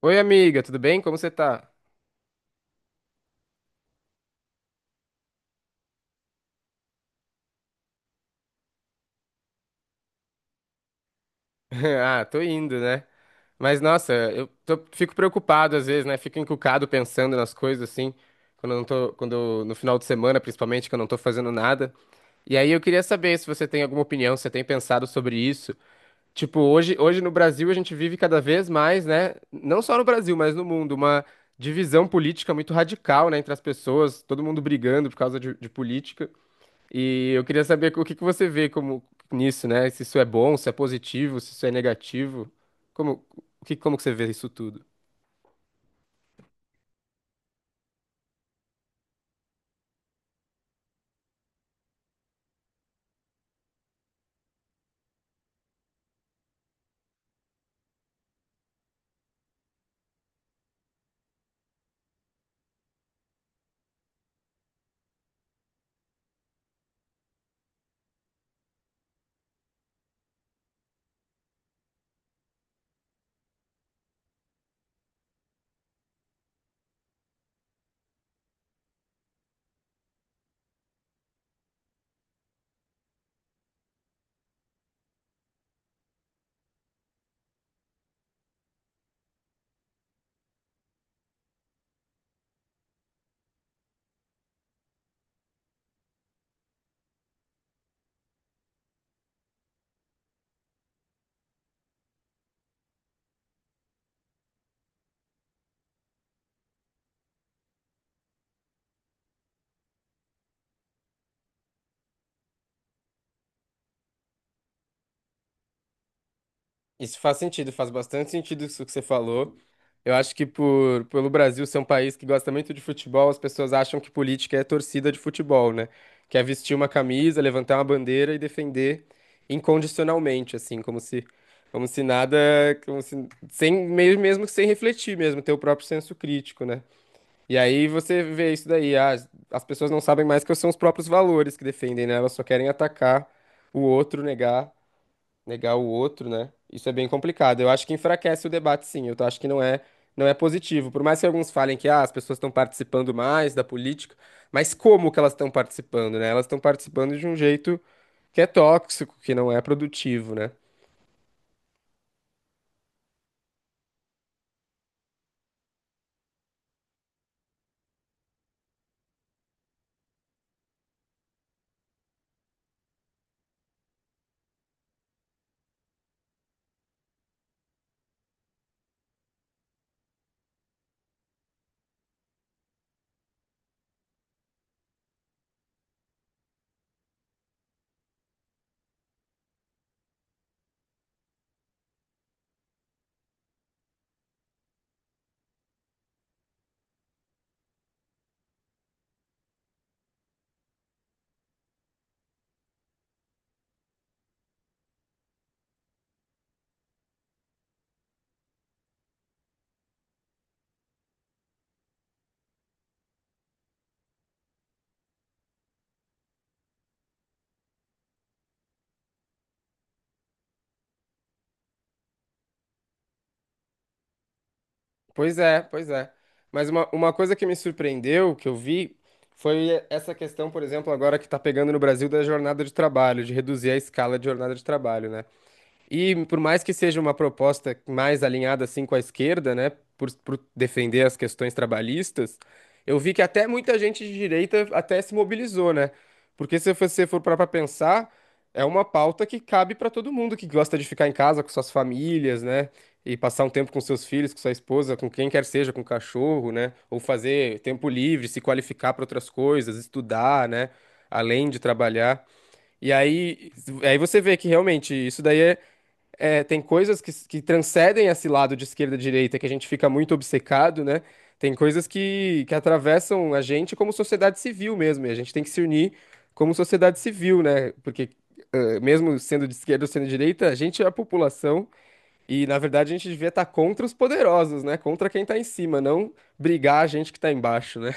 Oi, amiga, tudo bem? Como você tá? Ah, tô indo, né? Mas nossa, fico preocupado às vezes, né? Fico encucado pensando nas coisas assim, quando eu não tô, quando no final de semana, principalmente, que eu não tô fazendo nada. E aí eu queria saber se você tem alguma opinião, se você tem pensado sobre isso. Tipo, hoje no Brasil a gente vive cada vez mais, né? Não só no Brasil, mas no mundo, uma divisão política muito radical, né, entre as pessoas, todo mundo brigando por causa de política. E eu queria saber o que que você vê como nisso, né? Se isso é bom, se é positivo, se isso é negativo. Como, o que, como que você vê isso tudo? Isso faz sentido, faz bastante sentido isso que você falou. Eu acho que pelo Brasil ser um país que gosta muito de futebol, as pessoas acham que política é torcida de futebol, né? Que é vestir uma camisa, levantar uma bandeira e defender incondicionalmente, assim, como se nada, como se, sem, meio mesmo que sem refletir mesmo, ter o próprio senso crítico, né? E aí você vê isso daí, ah, as pessoas não sabem mais que são os próprios valores que defendem, né? Elas só querem atacar o outro, negar, negar o outro, né? Isso é bem complicado. Eu acho que enfraquece o debate, sim. Acho que não é positivo. Por mais que alguns falem que ah, as pessoas estão participando mais da política, mas como que elas estão participando, né? Elas estão participando de um jeito que é tóxico, que não é produtivo, né? Pois é, pois é. Mas uma coisa que me surpreendeu, que eu vi, foi essa questão, por exemplo, agora que está pegando no Brasil da jornada de trabalho, de reduzir a escala de jornada de trabalho, né? E por mais que seja uma proposta mais alinhada assim com a esquerda, né, por defender as questões trabalhistas, eu vi que até muita gente de direita até se mobilizou, né? Porque se você for parar para pensar, é uma pauta que cabe para todo mundo que gosta de ficar em casa com suas famílias, né, e passar um tempo com seus filhos, com sua esposa, com quem quer seja, com o cachorro, né, ou fazer tempo livre, se qualificar para outras coisas, estudar, né, além de trabalhar. E aí, aí você vê que realmente isso daí é, tem coisas que transcendem esse lado de esquerda e direita que a gente fica muito obcecado, né? Tem coisas que atravessam a gente como sociedade civil mesmo, e a gente tem que se unir como sociedade civil, né? Porque mesmo sendo de esquerda ou sendo de direita, a gente é a população e, na verdade, a gente devia estar contra os poderosos, né? Contra quem tá em cima, não brigar a gente que tá embaixo, né?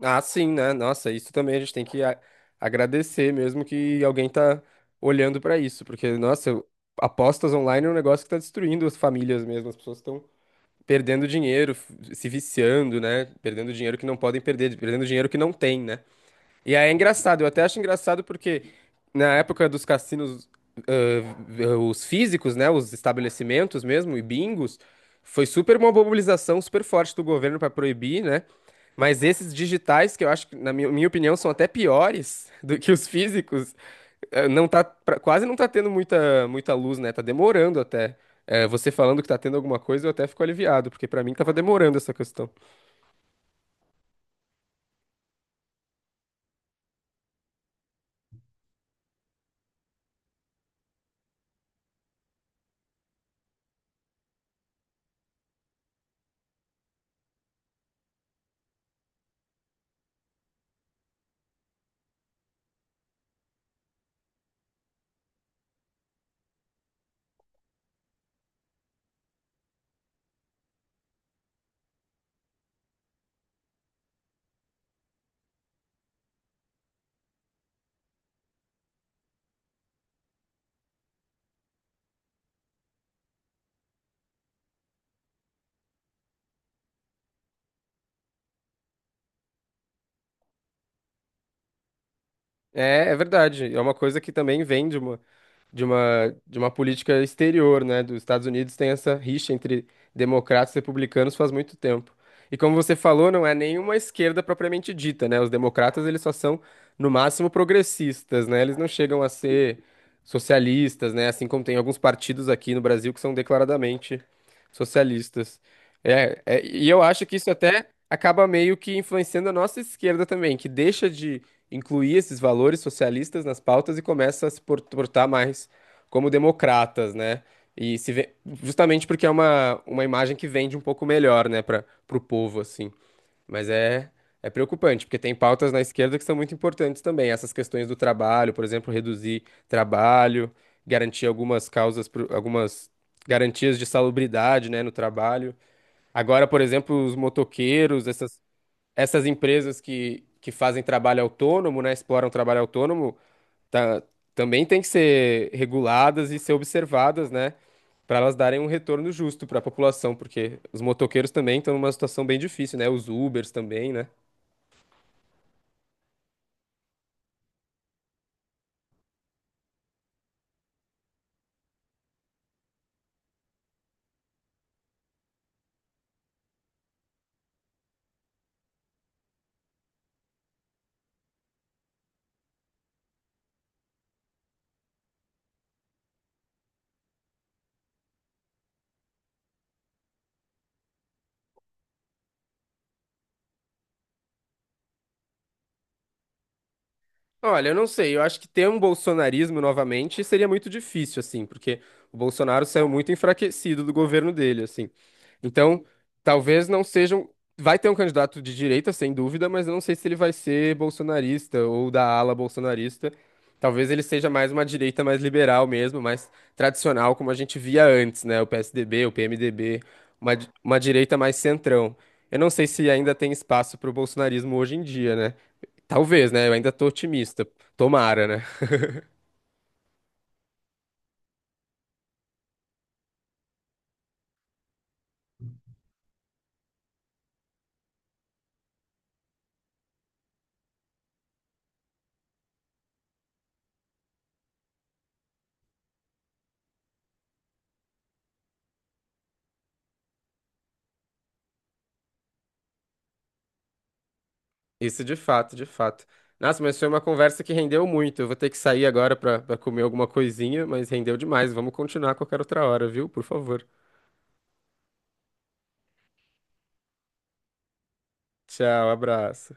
Ah, sim, né? Nossa, isso também a gente tem que a- agradecer mesmo que alguém tá olhando pra isso, porque, nossa, apostas online é um negócio que tá destruindo as famílias mesmo, as pessoas estão perdendo dinheiro, se viciando, né? Perdendo dinheiro que não podem perder, perdendo dinheiro que não tem, né? E aí é engraçado, eu até acho engraçado porque na época dos cassinos, os físicos, né, os estabelecimentos mesmo, e bingos, foi super uma mobilização super forte do governo para proibir, né? Mas esses digitais, que eu acho que, minha opinião, são até piores do que os físicos, não tá, quase não tá tendo muita luz, né? Tá demorando até. Você falando que tá tendo alguma coisa, eu até fico aliviado, porque para mim tava demorando essa questão. É, é verdade. É uma coisa que também vende. De de uma política exterior, né, dos Estados Unidos, tem essa rixa entre democratas e republicanos faz muito tempo. E como você falou, não é nenhuma esquerda propriamente dita, né? Os democratas, eles só são, no máximo, progressistas, né? Eles não chegam a ser socialistas, né? Assim como tem alguns partidos aqui no Brasil que são declaradamente socialistas. E eu acho que isso até acaba meio que influenciando a nossa esquerda também, que deixa de incluir esses valores socialistas nas pautas e começa a se portar mais como democratas, né? E se vê, justamente porque é uma imagem que vende um pouco melhor, né, para o povo, assim. Mas é preocupante, porque tem pautas na esquerda que são muito importantes também. Essas questões do trabalho, por exemplo, reduzir trabalho, garantir algumas causas, algumas garantias de salubridade, né, no trabalho. Agora, por exemplo, os motoqueiros, essas empresas que fazem trabalho autônomo, né, exploram trabalho autônomo, tá, também tem que ser reguladas e ser observadas, né, para elas darem um retorno justo para a população, porque os motoqueiros também estão numa situação bem difícil, né, os Ubers também, né. Olha, eu não sei, eu acho que ter um bolsonarismo novamente seria muito difícil, assim, porque o Bolsonaro saiu muito enfraquecido do governo dele, assim. Então, talvez não sejam. Vai ter um candidato de direita, sem dúvida, mas eu não sei se ele vai ser bolsonarista ou da ala bolsonarista. Talvez ele seja mais uma direita mais liberal mesmo, mais tradicional, como a gente via antes, né? O PSDB, o PMDB, uma, uma direita mais centrão. Eu não sei se ainda tem espaço para o bolsonarismo hoje em dia, né? Talvez, né? Eu ainda tô otimista. Tomara, né? Isso de fato, de fato. Nossa, mas foi uma conversa que rendeu muito. Eu vou ter que sair agora pra comer alguma coisinha, mas rendeu demais. Vamos continuar a qualquer outra hora, viu? Por favor. Tchau, abraço.